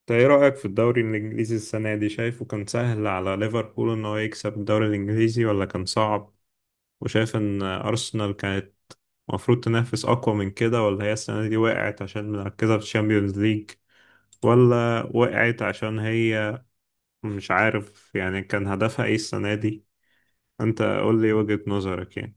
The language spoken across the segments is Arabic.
انت ايه رأيك في الدوري الانجليزي السنة دي؟ شايفه كان سهل على ليفربول ان هو يكسب الدوري الانجليزي ولا كان صعب؟ وشايف ان ارسنال كانت المفروض تنافس اقوى من كده، ولا هي السنة دي وقعت عشان مركزة في الشامبيونز ليج، ولا وقعت عشان هي مش عارف؟ يعني كان هدفها ايه السنة دي؟ انت قول لي وجهة نظرك يعني.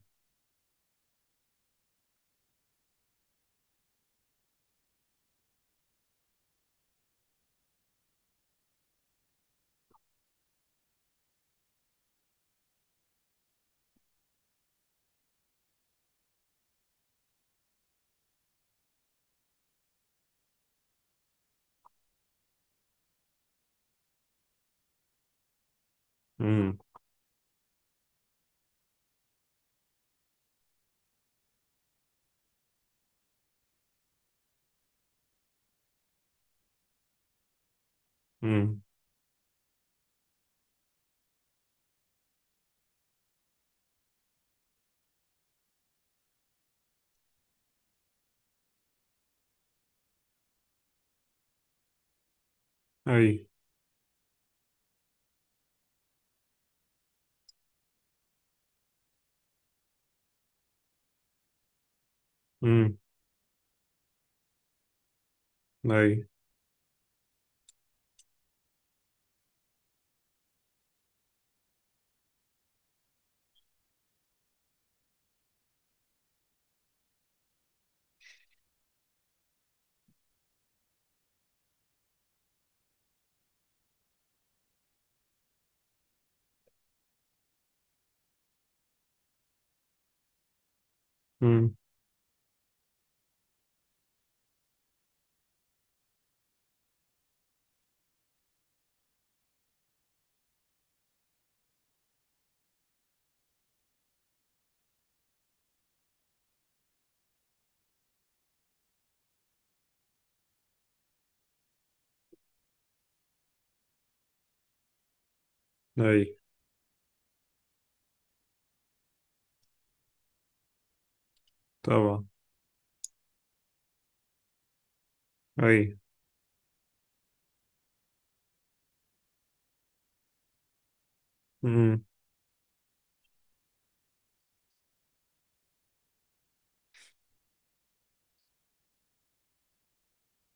امم. امم. اي. امم. اي. امم. اي. طبعا. اي. امم.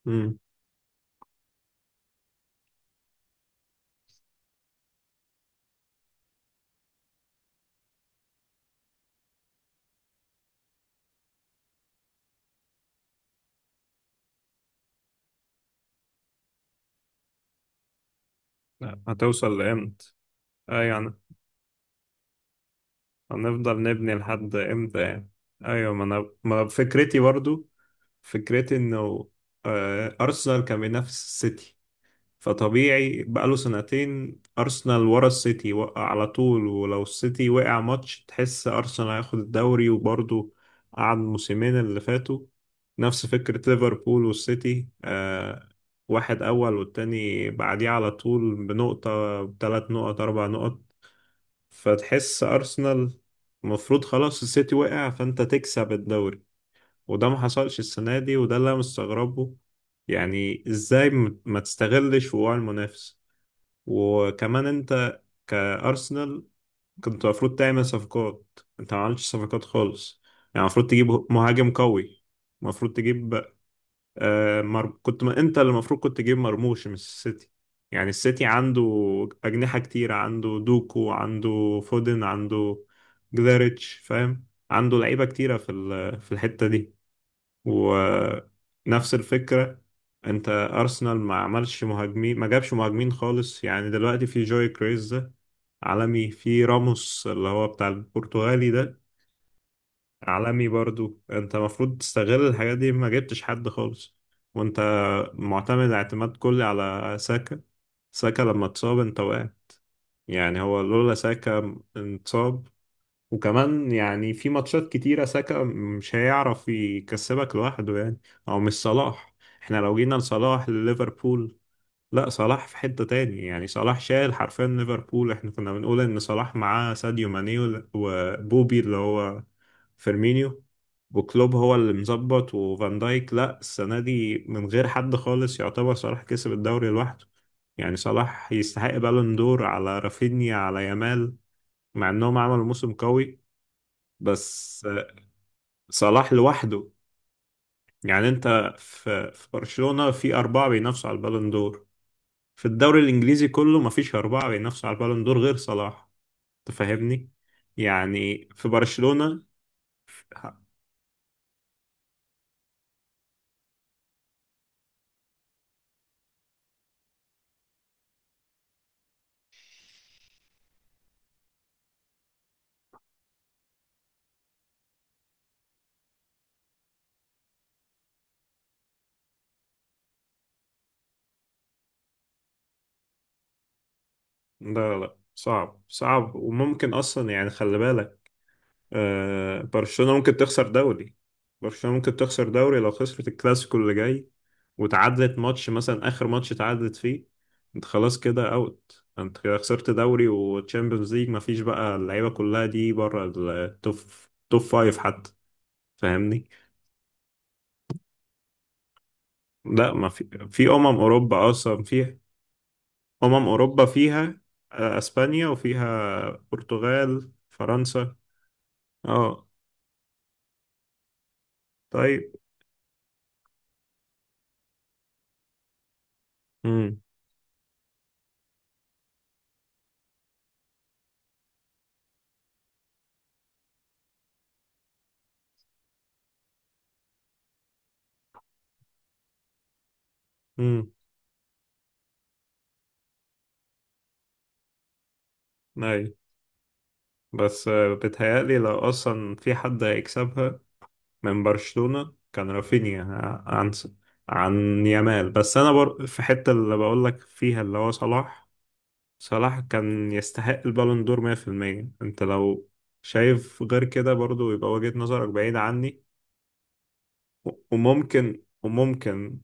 امم. هتوصل لامتى؟ اي يعني، هنفضل نبني لحد امتى يعني؟ ايوه، ما انا ما فكرتي برضو، فكرتي انه ارسنال كان بينافس السيتي، فطبيعي بقاله سنتين ارسنال ورا السيتي. وقع على طول، ولو السيتي وقع ماتش تحس ارسنال هياخد الدوري. وبرضو قعد موسمين اللي فاتوا نفس فكرة ليفربول والسيتي، واحد اول والتاني بعديه على طول بنقطة، بثلاث نقط، اربع نقط. فتحس أرسنال المفروض خلاص السيتي وقع فأنت تكسب الدوري، وده ما حصلش السنة دي، وده اللي أنا مستغربه. يعني إزاي ما تستغلش وقوع المنافس؟ وكمان أنت كأرسنال كنت المفروض تعمل صفقات. أنت ما عملتش صفقات خالص. يعني المفروض تجيب مهاجم قوي، المفروض تجيب آه، مر... كنت ما... انت اللي المفروض كنت تجيب مرموش مش السيتي. يعني السيتي عنده أجنحة كتيرة، عنده دوكو، عنده فودن، عنده جداريتش، فاهم؟ عنده لعيبة كتيرة في في الحتة دي. ونفس الفكرة، انت أرسنال ما عملش مهاجمين، ما جابش مهاجمين خالص. يعني دلوقتي في جوي كريز ده، عالمي. في راموس اللي هو بتاع البرتغالي ده، عالمي برضو. انت المفروض تستغل الحاجات دي، ما جبتش حد خالص. وانت معتمد اعتماد كلي على ساكا. ساكا لما اتصاب انت وقع. يعني هو لولا ساكا اتصاب، وكمان يعني في ماتشات كتيرة ساكا مش هيعرف يكسبك لوحده يعني. او مش صلاح، احنا لو جينا لصلاح لليفربول، لا صلاح في حتة تاني. يعني صلاح شايل حرفيا ليفربول. احنا كنا بنقول ان صلاح معاه ساديو ماني وبوبي اللي هو فيرمينيو، وكلوب هو اللي مظبط، وفان دايك. لا السنة دي من غير حد خالص، يعتبر صلاح كسب الدوري لوحده. يعني صلاح يستحق بالون دور على رافينيا، على يامال، مع انهم عملوا موسم قوي، بس صلاح لوحده. يعني انت، في برشلونة في أربعة بينافسوا على البالون دور، في الدوري الإنجليزي كله مفيش أربعة بينافسوا على البالون دور غير صلاح. تفهمني؟ يعني في برشلونة. لا لا لا، صعب صعب، وممكن اصلا يعني، خلي بالك، آه، برشلونة ممكن تخسر دوري. برشلونة ممكن تخسر دوري لو خسرت الكلاسيكو اللي جاي، وتعادلت ماتش مثلا، اخر ماتش تعادلت فيه انت خلاص كده اوت. انت كده خسرت دوري وتشامبيونز ليج، مفيش بقى اللعيبه كلها دي بره التوب، توب فايف حتى. فاهمني؟ لا ما في اوروبا اصلا فيها، اوروبا فيها اسبانيا، وفيها برتغال، فرنسا. اه طيب. امم. امم. اي. بس بتهيألي لو اصلا في حد هيكسبها من برشلونة كان رافينيا عن يامال. بس انا في حتة اللي بقول لك فيها، اللي هو صلاح. صلاح كان يستحق البالون دور 100%. انت لو شايف غير كده برضو يبقى وجهة نظرك بعيد عني. وممكن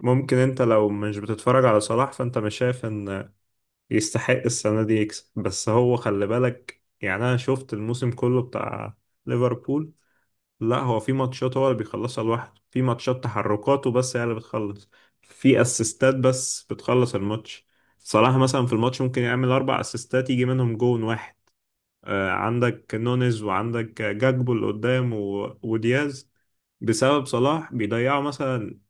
ممكن انت لو مش بتتفرج على صلاح فانت مش شايف ان يستحق السنة دي يكسب. بس هو خلي بالك، يعني أنا شفت الموسم كله بتاع ليفربول. لا هو في ماتشات هو اللي بيخلصها لوحده، في ماتشات تحركاته بس هي اللي بتخلص، في أسيستات بس بتخلص الماتش. صلاح مثلا في الماتش ممكن يعمل أربع أسيستات، يجي منهم جون واحد. عندك نونيز، وعندك جاكبو اللي قدام، ودياز، بسبب صلاح بيضيعوا مثلا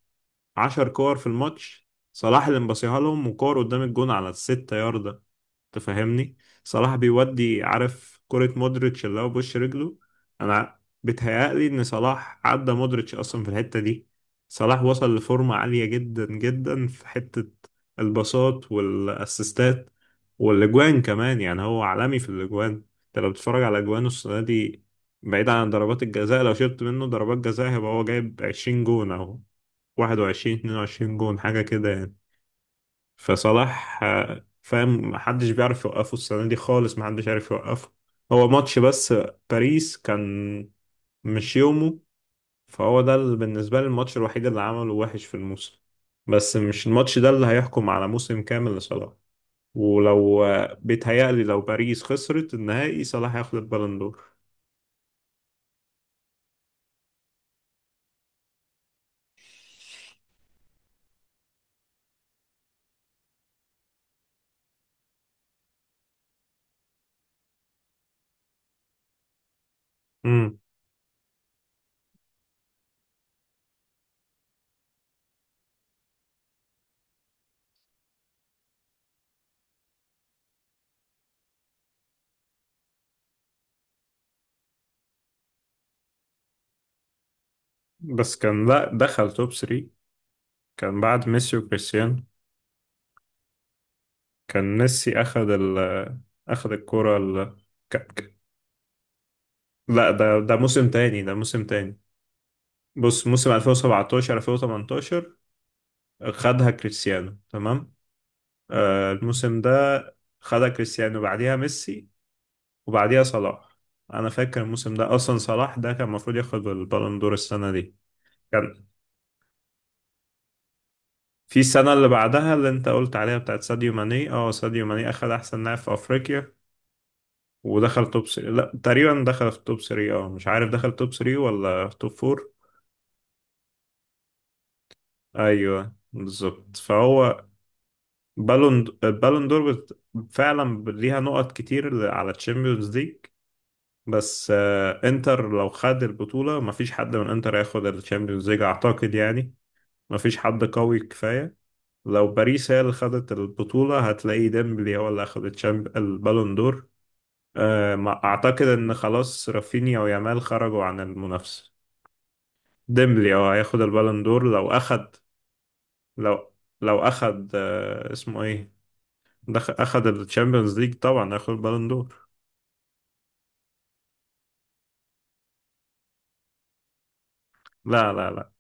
عشر كور في الماتش. صلاح اللي مبصيها لهم، وكور قدام الجون على الستة ياردة. تفهمني؟ صلاح بيودي، عارف كرة مودريتش اللي هو بوش رجله؟ انا بتهيألي ان صلاح عدى مودريتش اصلا في الحتة دي. صلاح وصل لفورمة عالية جدا جدا في حتة الباصات والاسيستات والاجوان كمان. يعني هو عالمي في الاجوان. انت لو بتتفرج على اجوانه السنة دي بعيد عن ضربات الجزاء، لو شلت منه ضربات جزاء هيبقى هو جايب 20 جون، او 21 22 جون، حاجة كده يعني. فصلاح فاهم، محدش بيعرف يوقفه السنة دي خالص، محدش عارف يوقفه. هو ماتش بس باريس كان مش يومه، فهو ده اللي بالنسبة لي الماتش الوحيد اللي عمله وحش في الموسم. بس مش الماتش ده اللي هيحكم على موسم كامل لصلاح. ولو بيتهيألي لو باريس خسرت النهائي صلاح هياخد البالون دور. امم. بس كان، لا دخل توب 3، كان بعد ميسي وكريستيانو. كان ميسي أخد أخد الكرة ال... لا، ده موسم تاني، ده موسم تاني. بص موسم 2017 2018 خدها كريستيانو، تمام؟ آه الموسم ده خدها كريستيانو، بعديها ميسي، وبعديها صلاح. انا فاكر الموسم ده اصلا، صلاح ده كان المفروض ياخد البالون دور السنه دي. كان في السنه اللي بعدها اللي انت قلت عليها بتاعت ساديو ماني، اه ساديو ماني اخد احسن لاعب في افريقيا، ودخل توب 3. لا تقريبا دخل في توب 3، اه مش عارف دخل توب 3 ولا توب 4. ايوه بالظبط. فهو بالون دور فعلا ليها نقط كتير على تشامبيونز ليج. بس انتر لو خد البطولة مفيش حد من انتر هياخد التشامبيونز ليج اعتقد يعني، مفيش حد قوي كفاية. لو باريس هي اللي خدت البطولة هتلاقي ديمبلي هو اللي اخد البالون دور. اعتقد ان خلاص رافينيا ويامال خرجوا عن المنافسة. ديمبلي هو هياخد البالون دور لو اخد. لو لو اخد اسمه ايه، اخذ الشامبيونز ليج طبعا اخذ البالون دور. لا لا لا،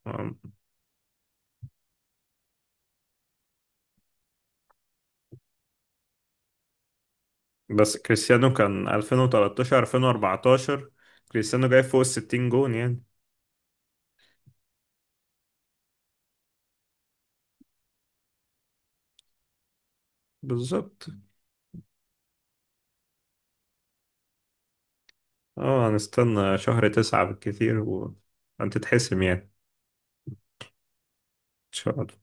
بس كريستيانو كان 2013 2014، كريستيانو جاي فوق ال 60 جون يعني. بالظبط. اه هنستنى شهر تسعة بالكثير وانت تتحسم يعني. ان شاء الله.